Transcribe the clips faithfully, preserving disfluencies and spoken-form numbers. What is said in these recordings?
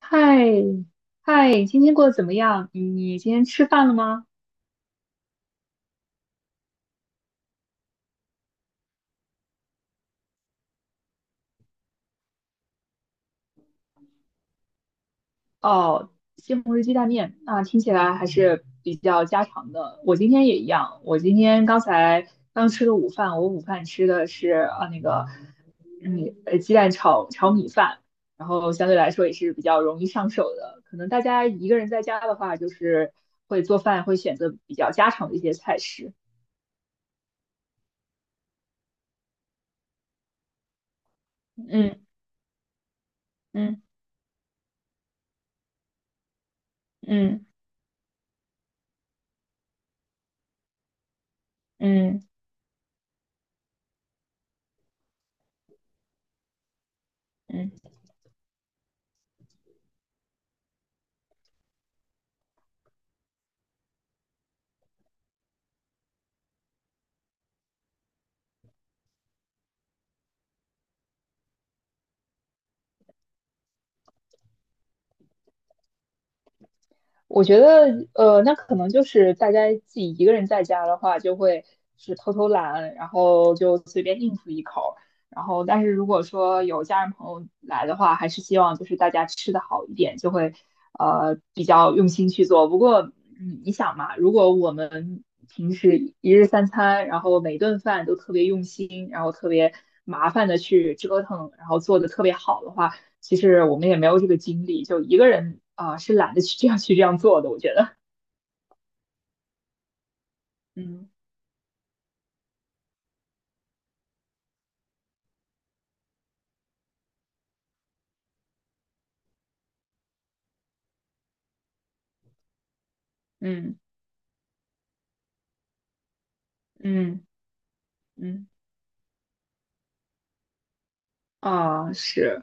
嗨，嗨，今天过得怎么样？你今天吃饭了吗？哦，西红柿鸡蛋面，那听起来还是比较家常的。我今天也一样，我今天刚才刚吃了午饭，我午饭吃的是啊那个，嗯，呃鸡蛋炒炒米饭，然后相对来说也是比较容易上手的。可能大家一个人在家的话，就是会做饭，会选择比较家常的一些菜式。嗯嗯嗯嗯嗯。我觉得，呃，那可能就是大家自己一个人在家的话，就会是偷偷懒，然后就随便应付一口。然后，但是如果说有家人朋友来的话，还是希望就是大家吃的好一点，就会呃比较用心去做。不过，嗯，你想嘛，如果我们平时一日三餐，然后每顿饭都特别用心，然后特别麻烦的去折腾，然后做的特别好的话，其实我们也没有这个精力，就一个人啊、呃是懒得去这样去这样做的，我觉得。嗯嗯嗯嗯啊，是，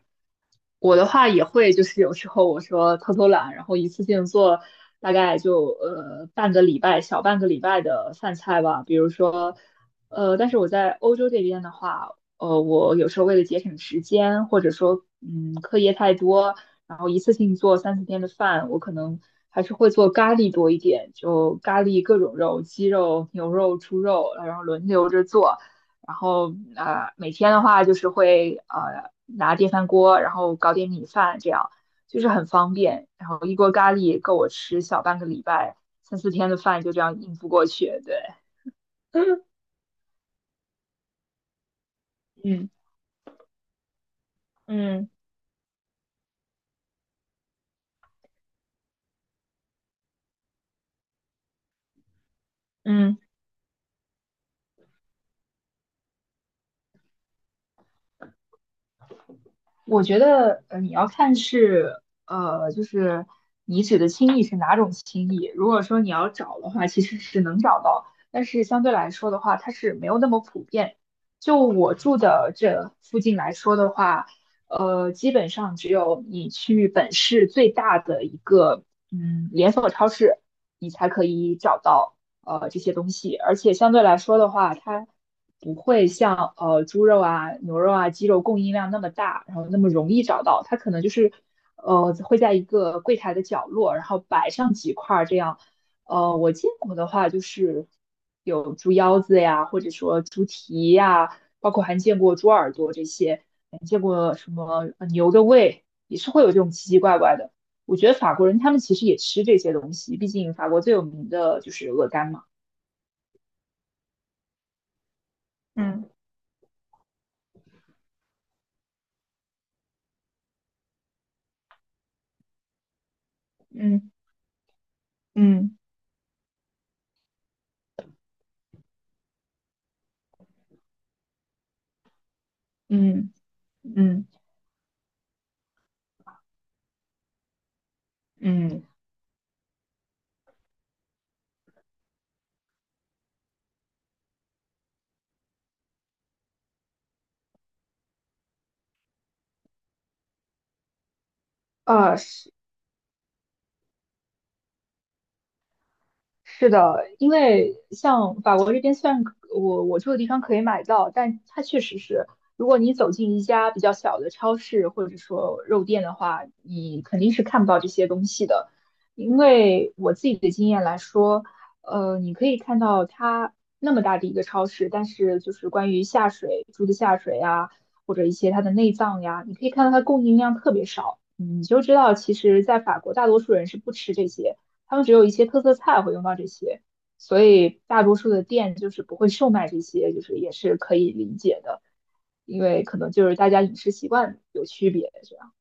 我的话也会，就是有时候我说偷偷懒，然后一次性做大概就呃半个礼拜，小半个礼拜的饭菜吧。比如说，呃，但是我在欧洲这边的话，呃，我有时候为了节省时间，或者说嗯课业太多，然后一次性做三四天的饭，我可能还是会做咖喱多一点，就咖喱各种肉，鸡肉、牛肉、猪肉，然后轮流着做。然后呃，每天的话就是会呃拿电饭锅，然后搞点米饭，这样就是很方便。然后一锅咖喱够我吃小半个礼拜，三四天的饭就这样应付过去。对，嗯嗯嗯。我觉得，呃，你要看是，呃，就是你指的轻易是哪种轻易。如果说你要找的话，其实是能找到，但是相对来说的话，它是没有那么普遍。就我住的这附近来说的话，呃，基本上只有你去本市最大的一个，嗯，连锁超市，你才可以找到，呃，这些东西。而且相对来说的话，它不会像呃猪肉啊、牛肉啊、鸡肉供应量那么大，然后那么容易找到。它可能就是呃会在一个柜台的角落，然后摆上几块儿这样。呃，我见过的话就是有猪腰子呀，或者说猪蹄呀，包括还见过猪耳朵这些，还见过什么呃牛的胃，也是会有这种奇奇怪怪的。我觉得法国人他们其实也吃这些东西，毕竟法国最有名的就是鹅肝嘛。嗯嗯嗯嗯嗯。嗯，啊是是的，因为像法国这边，虽然可我我住的地方可以买到，但它确实是，如果你走进一家比较小的超市或者说肉店的话，你肯定是看不到这些东西的。因为我自己的经验来说，呃，你可以看到它那么大的一个超市，但是就是关于下水，猪的下水啊，或者一些它的内脏呀，你可以看到它供应量特别少，你就知道其实在法国大多数人是不吃这些。他们只有一些特色菜会用到这些，所以大多数的店就是不会售卖这些，就是也是可以理解的，因为可能就是大家饮食习惯有区别，这样。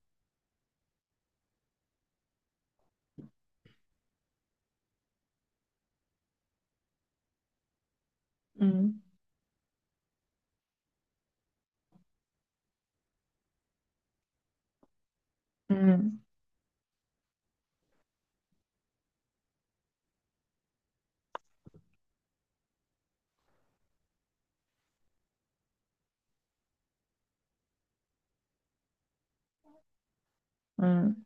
嗯嗯嗯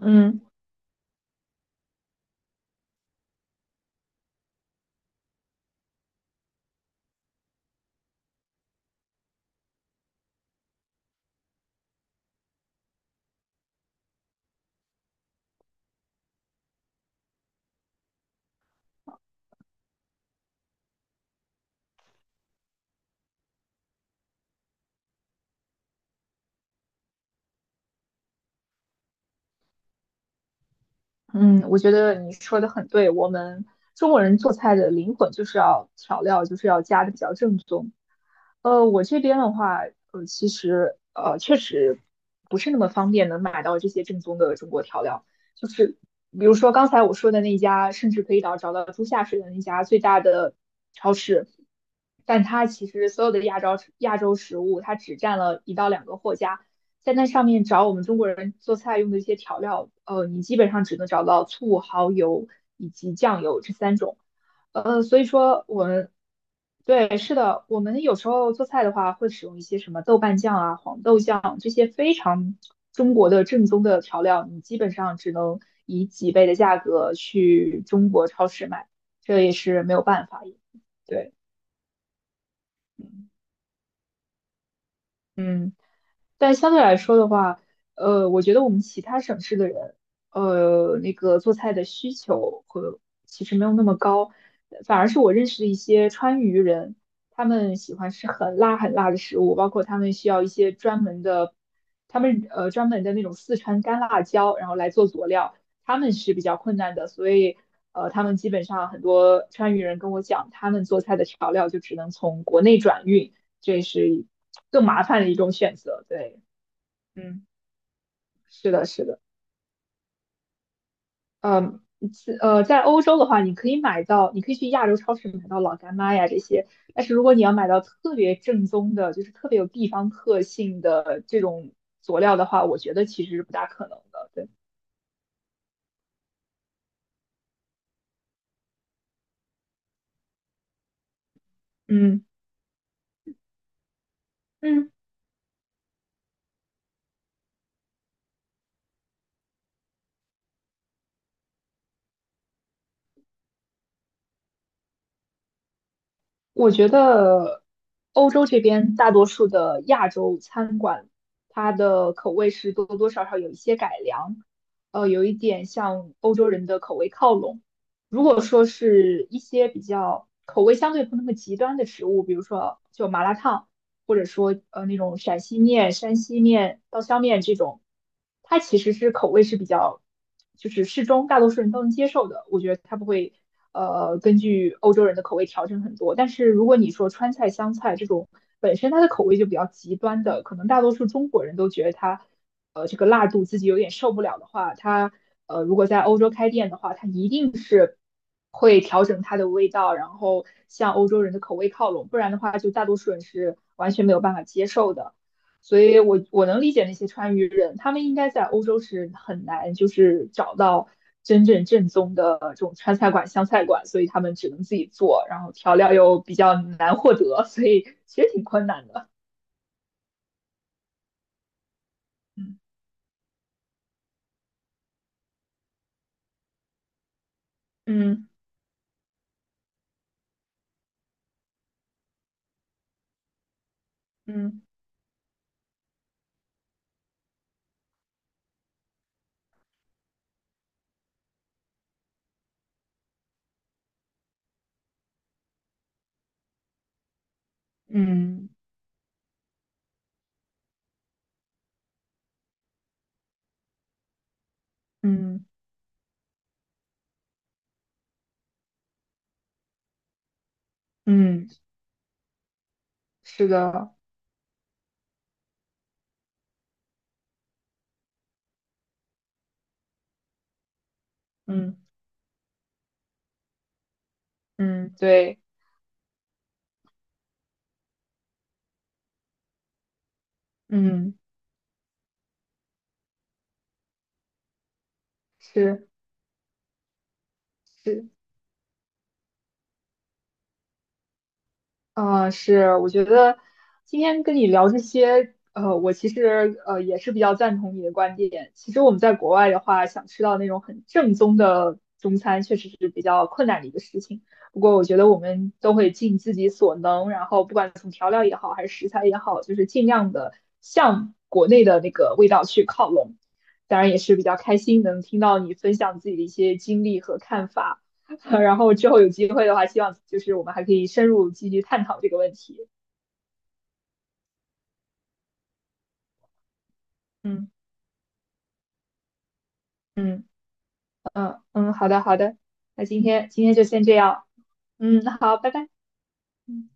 嗯嗯，我觉得你说的很对，我们中国人做菜的灵魂就是要调料，就是要加的比较正宗。呃，我这边的话，呃，其实呃，确实不是那么方便能买到这些正宗的中国调料。就是比如说刚才我说的那家，甚至可以找找到猪下水的那家最大的超市，但它其实所有的亚洲亚洲食物，它只占了一到两个货架，在那上面找我们中国人做菜用的一些调料，呃，你基本上只能找到醋、蚝油以及酱油这三种。呃，所以说我们对是的，我们有时候做菜的话，会使用一些什么豆瓣酱啊、黄豆酱这些非常中国的正宗的调料，你基本上只能以几倍的价格去中国超市买，这也是没有办法。对，嗯。嗯但相对来说的话，呃，我觉得我们其他省市的人，呃，那个做菜的需求和其实没有那么高，反而是我认识的一些川渝人，他们喜欢吃很辣很辣的食物，包括他们需要一些专门的，他们呃专门的那种四川干辣椒，然后来做佐料，他们是比较困难的，所以呃，他们基本上很多川渝人跟我讲，他们做菜的调料就只能从国内转运。这是更麻烦的一种选择。对，嗯，是的，是的，嗯。自呃，在欧洲的话，你可以买到，你可以去亚洲超市买到老干妈呀这些。但是如果你要买到特别正宗的，就是特别有地方特性的这种佐料的话，我觉得其实是不大可能的。对，嗯嗯。我觉得欧洲这边大多数的亚洲餐馆，它的口味是多多少少有一些改良，呃，有一点向欧洲人的口味靠拢。如果说是一些比较口味相对不那么极端的食物，比如说就麻辣烫。或者说呃那种陕西面、山西面、刀削面这种，它其实是口味是比较就是适中，大多数人都能接受的。我觉得它不会呃根据欧洲人的口味调整很多。但是如果你说川菜、湘菜这种本身它的口味就比较极端的，可能大多数中国人都觉得它，呃，这个辣度自己有点受不了的话，它呃如果在欧洲开店的话，它一定是会调整它的味道，然后向欧洲人的口味靠拢，不然的话就大多数人是完全没有办法接受的。所以我我能理解那些川渝人，他们应该在欧洲是很难就是找到真正正宗的这种川菜馆、湘菜馆，所以他们只能自己做，然后调料又比较难获得，所以其实挺困难的。嗯嗯嗯嗯嗯嗯，是的，嗯嗯对，嗯是是，呃，是，我觉得今天跟你聊这些，呃，我其实呃也是比较赞同你的观点。其实我们在国外的话，想吃到那种很正宗的中餐，确实是比较困难的一个事情。不过我觉得我们都会尽自己所能，然后不管从调料也好，还是食材也好，就是尽量的向国内的那个味道去靠拢。当然也是比较开心能听到你分享自己的一些经历和看法。然后之后有机会的话，希望就是我们还可以深入继续探讨这个问题。嗯嗯嗯嗯，好的好的，那今天今天就先这样。嗯，好，拜拜。嗯。